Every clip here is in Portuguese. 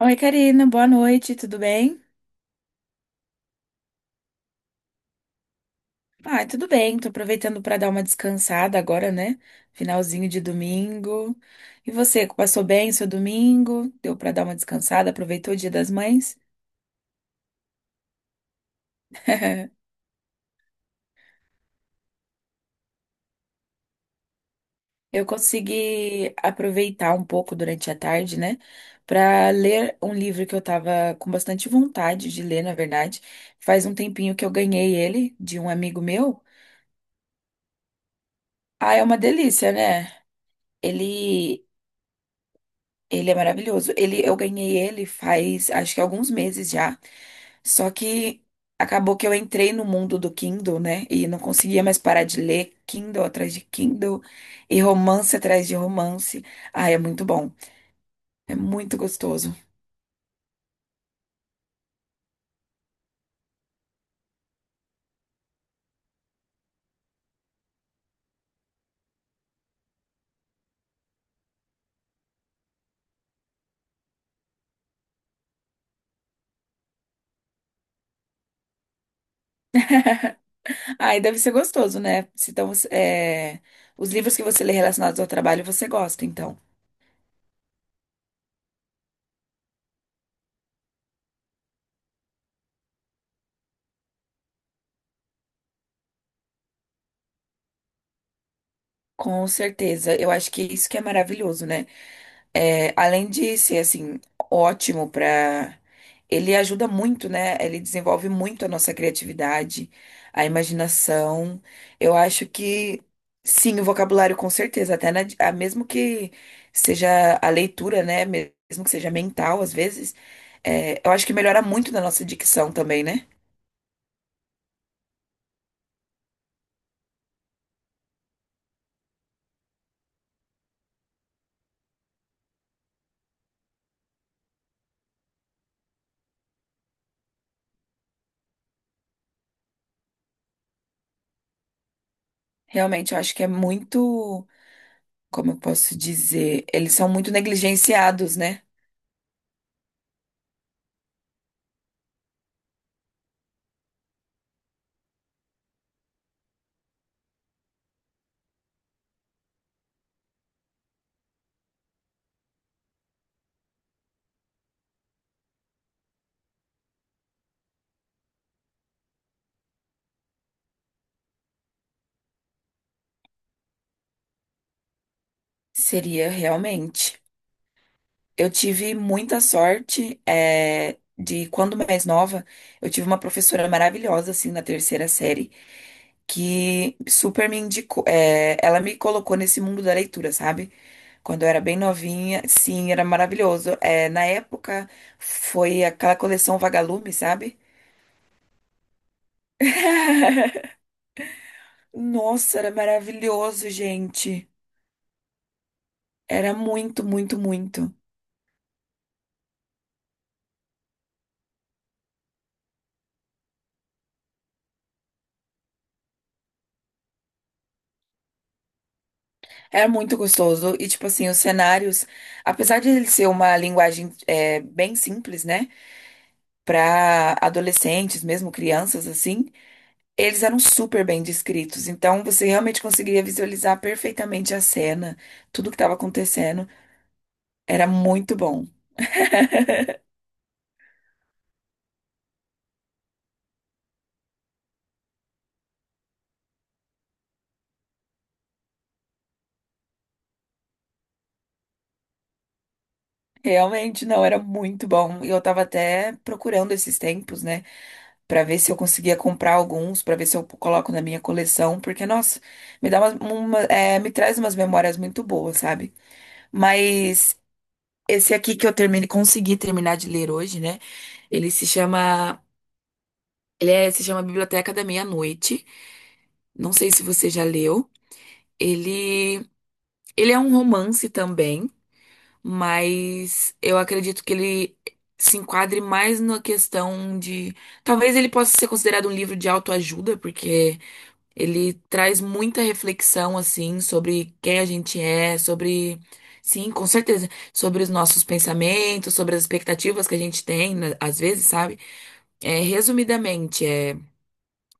Oi, Karina, boa noite, tudo bem? Ah, tudo bem, tô aproveitando para dar uma descansada agora, né? Finalzinho de domingo. E você, passou bem o seu domingo? Deu para dar uma descansada? Aproveitou o Dia das Mães? Eu consegui aproveitar um pouco durante a tarde, né, para ler um livro que eu tava com bastante vontade de ler, na verdade. Faz um tempinho que eu ganhei ele de um amigo meu. Ah, é uma delícia, né? Ele Ele é maravilhoso. Ele, eu ganhei ele faz, acho que alguns meses já. Só que acabou que eu entrei no mundo do Kindle, né? E não conseguia mais parar de ler Kindle atrás de Kindle e romance atrás de romance. Ai, é muito bom. É muito gostoso. Ai, deve ser gostoso, né? Se Então, os livros que você lê relacionados ao trabalho, você gosta, então. Com certeza, eu acho que isso que é maravilhoso, né? É, além de ser assim ótimo para ele ajuda muito, né? Ele desenvolve muito a nossa criatividade, a imaginação. Eu acho que sim, o vocabulário com certeza, até mesmo que seja a leitura, né? Mesmo que seja mental, às vezes, eu acho que melhora muito na nossa dicção também, né? Realmente, eu acho que é muito, como eu posso dizer, eles são muito negligenciados, né? Seria realmente. Eu tive muita sorte, de quando mais nova, eu tive uma professora maravilhosa, assim, na terceira série, que super me indicou, ela me colocou nesse mundo da leitura, sabe? Quando eu era bem novinha, sim, era maravilhoso. É, na época, foi aquela coleção Vagalume, sabe? Nossa, era maravilhoso, gente. Era muito, muito, muito. Era muito gostoso. E, tipo assim, os cenários, apesar de ele ser uma linguagem bem simples, né? Pra adolescentes, mesmo crianças, assim, eles eram super bem descritos. Então, você realmente conseguiria visualizar perfeitamente a cena, tudo que estava acontecendo. Era muito bom. Realmente, não, era muito bom. E eu tava até procurando esses tempos, né? Pra ver se eu conseguia comprar alguns, pra ver se eu coloco na minha coleção. Porque, nossa, me dá me traz umas memórias muito boas, sabe? Mas esse aqui que eu terminei, consegui terminar de ler hoje, né? Ele se chama, se chama Biblioteca da Meia-Noite. Não sei se você já leu. Ele, ele é um romance também, mas eu acredito que ele se enquadre mais na questão de, talvez ele possa ser considerado um livro de autoajuda, porque ele traz muita reflexão, assim, sobre quem a gente é, sobre. Sim, com certeza. Sobre os nossos pensamentos, sobre as expectativas que a gente tem, né, às vezes, sabe? Resumidamente,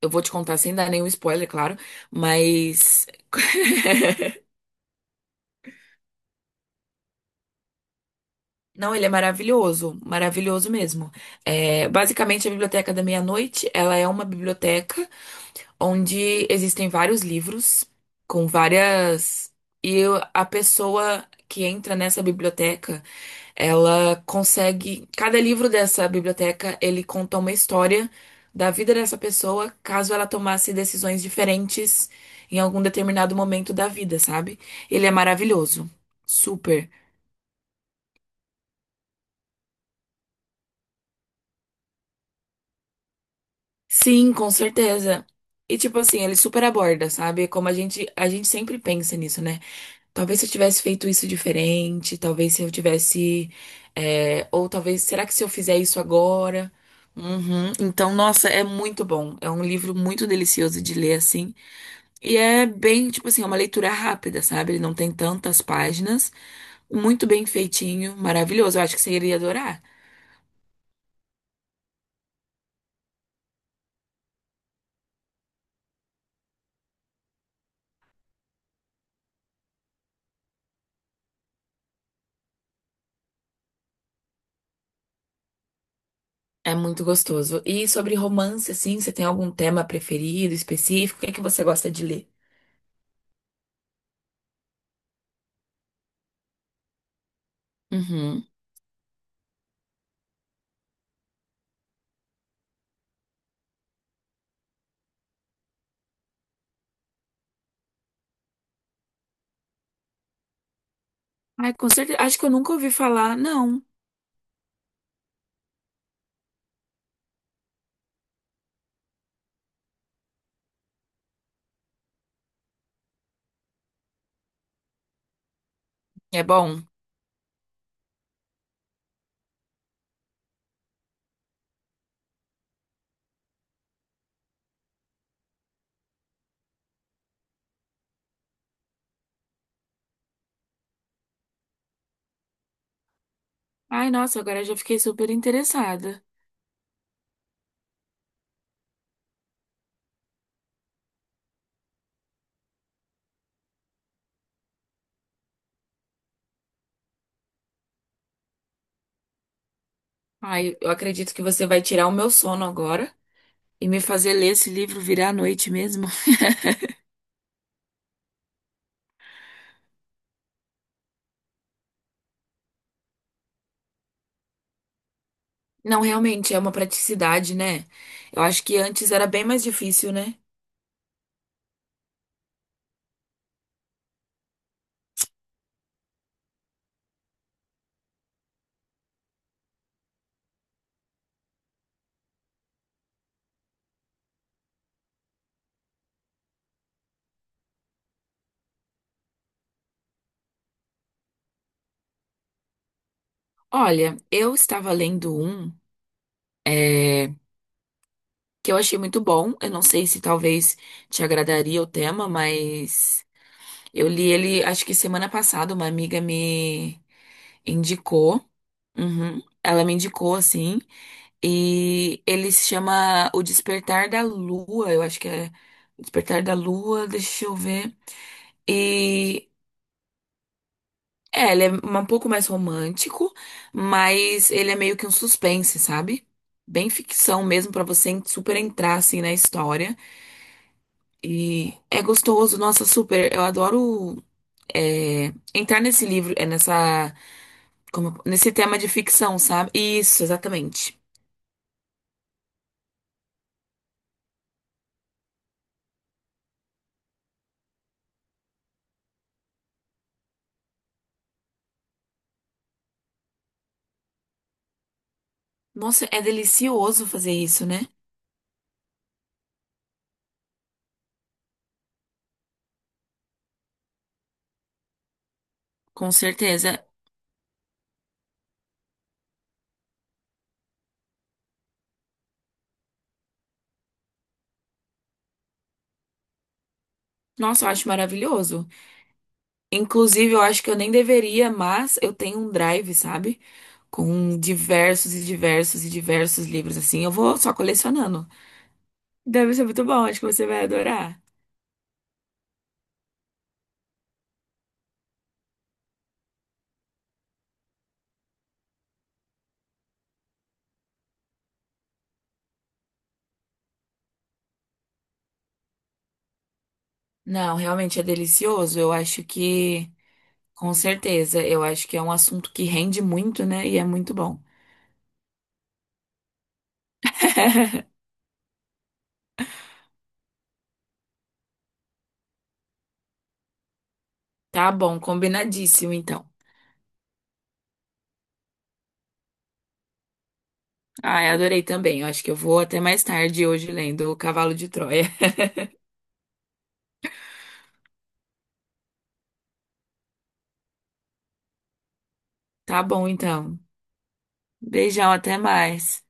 eu vou te contar sem dar nenhum spoiler, claro, mas. Não, ele é maravilhoso, maravilhoso mesmo. É, basicamente, a Biblioteca da Meia-Noite, ela é uma biblioteca onde existem vários livros com várias. A pessoa que entra nessa biblioteca. Ela consegue, cada livro dessa biblioteca, ele conta uma história da vida dessa pessoa, caso ela tomasse decisões diferentes em algum determinado momento da vida, sabe? Ele é maravilhoso. Super. Sim, com certeza. E tipo assim, ele super aborda, sabe? Como a gente sempre pensa nisso, né? Talvez se eu tivesse feito isso diferente, talvez se eu tivesse. Ou talvez, será que se eu fizer isso agora? Uhum. Então, nossa, é muito bom. É um livro muito delicioso de ler, assim. E é bem, tipo assim, é uma leitura rápida, sabe? Ele não tem tantas páginas. Muito bem feitinho, maravilhoso. Eu acho que você iria adorar. É muito gostoso. E sobre romance, assim, você tem algum tema preferido, específico? O que é que você gosta de ler? Uhum. Ai, com certeza. Acho que eu nunca ouvi falar, não. É bom. Ai, nossa, agora eu já fiquei super interessada. Ai, eu acredito que você vai tirar o meu sono agora e me fazer ler esse livro virar a noite mesmo. Não, realmente é uma praticidade, né? Eu acho que antes era bem mais difícil, né? Olha, eu estava lendo um, é, que eu achei muito bom. Eu não sei se talvez te agradaria o tema, mas eu li ele, acho que semana passada, uma amiga me indicou. Uhum. Ela me indicou, assim. E ele se chama O Despertar da Lua, eu acho que é O Despertar da Lua, deixa eu ver. E é, ele é um pouco mais romântico, mas ele é meio que um suspense, sabe? Bem ficção mesmo pra você super entrar assim na história. E é gostoso, nossa, super. Eu adoro entrar nesse livro, nesse tema de ficção, sabe? Isso, exatamente. Nossa, é delicioso fazer isso, né? Com certeza. Nossa, eu acho maravilhoso. Inclusive, eu acho que eu nem deveria, mas eu tenho um drive, sabe? Com diversos e diversos e diversos livros, assim. Eu vou só colecionando. Deve ser muito bom, acho que você vai adorar. Não, realmente é delicioso. Eu acho que, com certeza, eu acho que é um assunto que rende muito, né? E é muito bom. Tá bom, combinadíssimo, então. Ah, eu adorei também. Eu acho que eu vou até mais tarde hoje lendo O Cavalo de Troia. Tá bom, então. Beijão, até mais.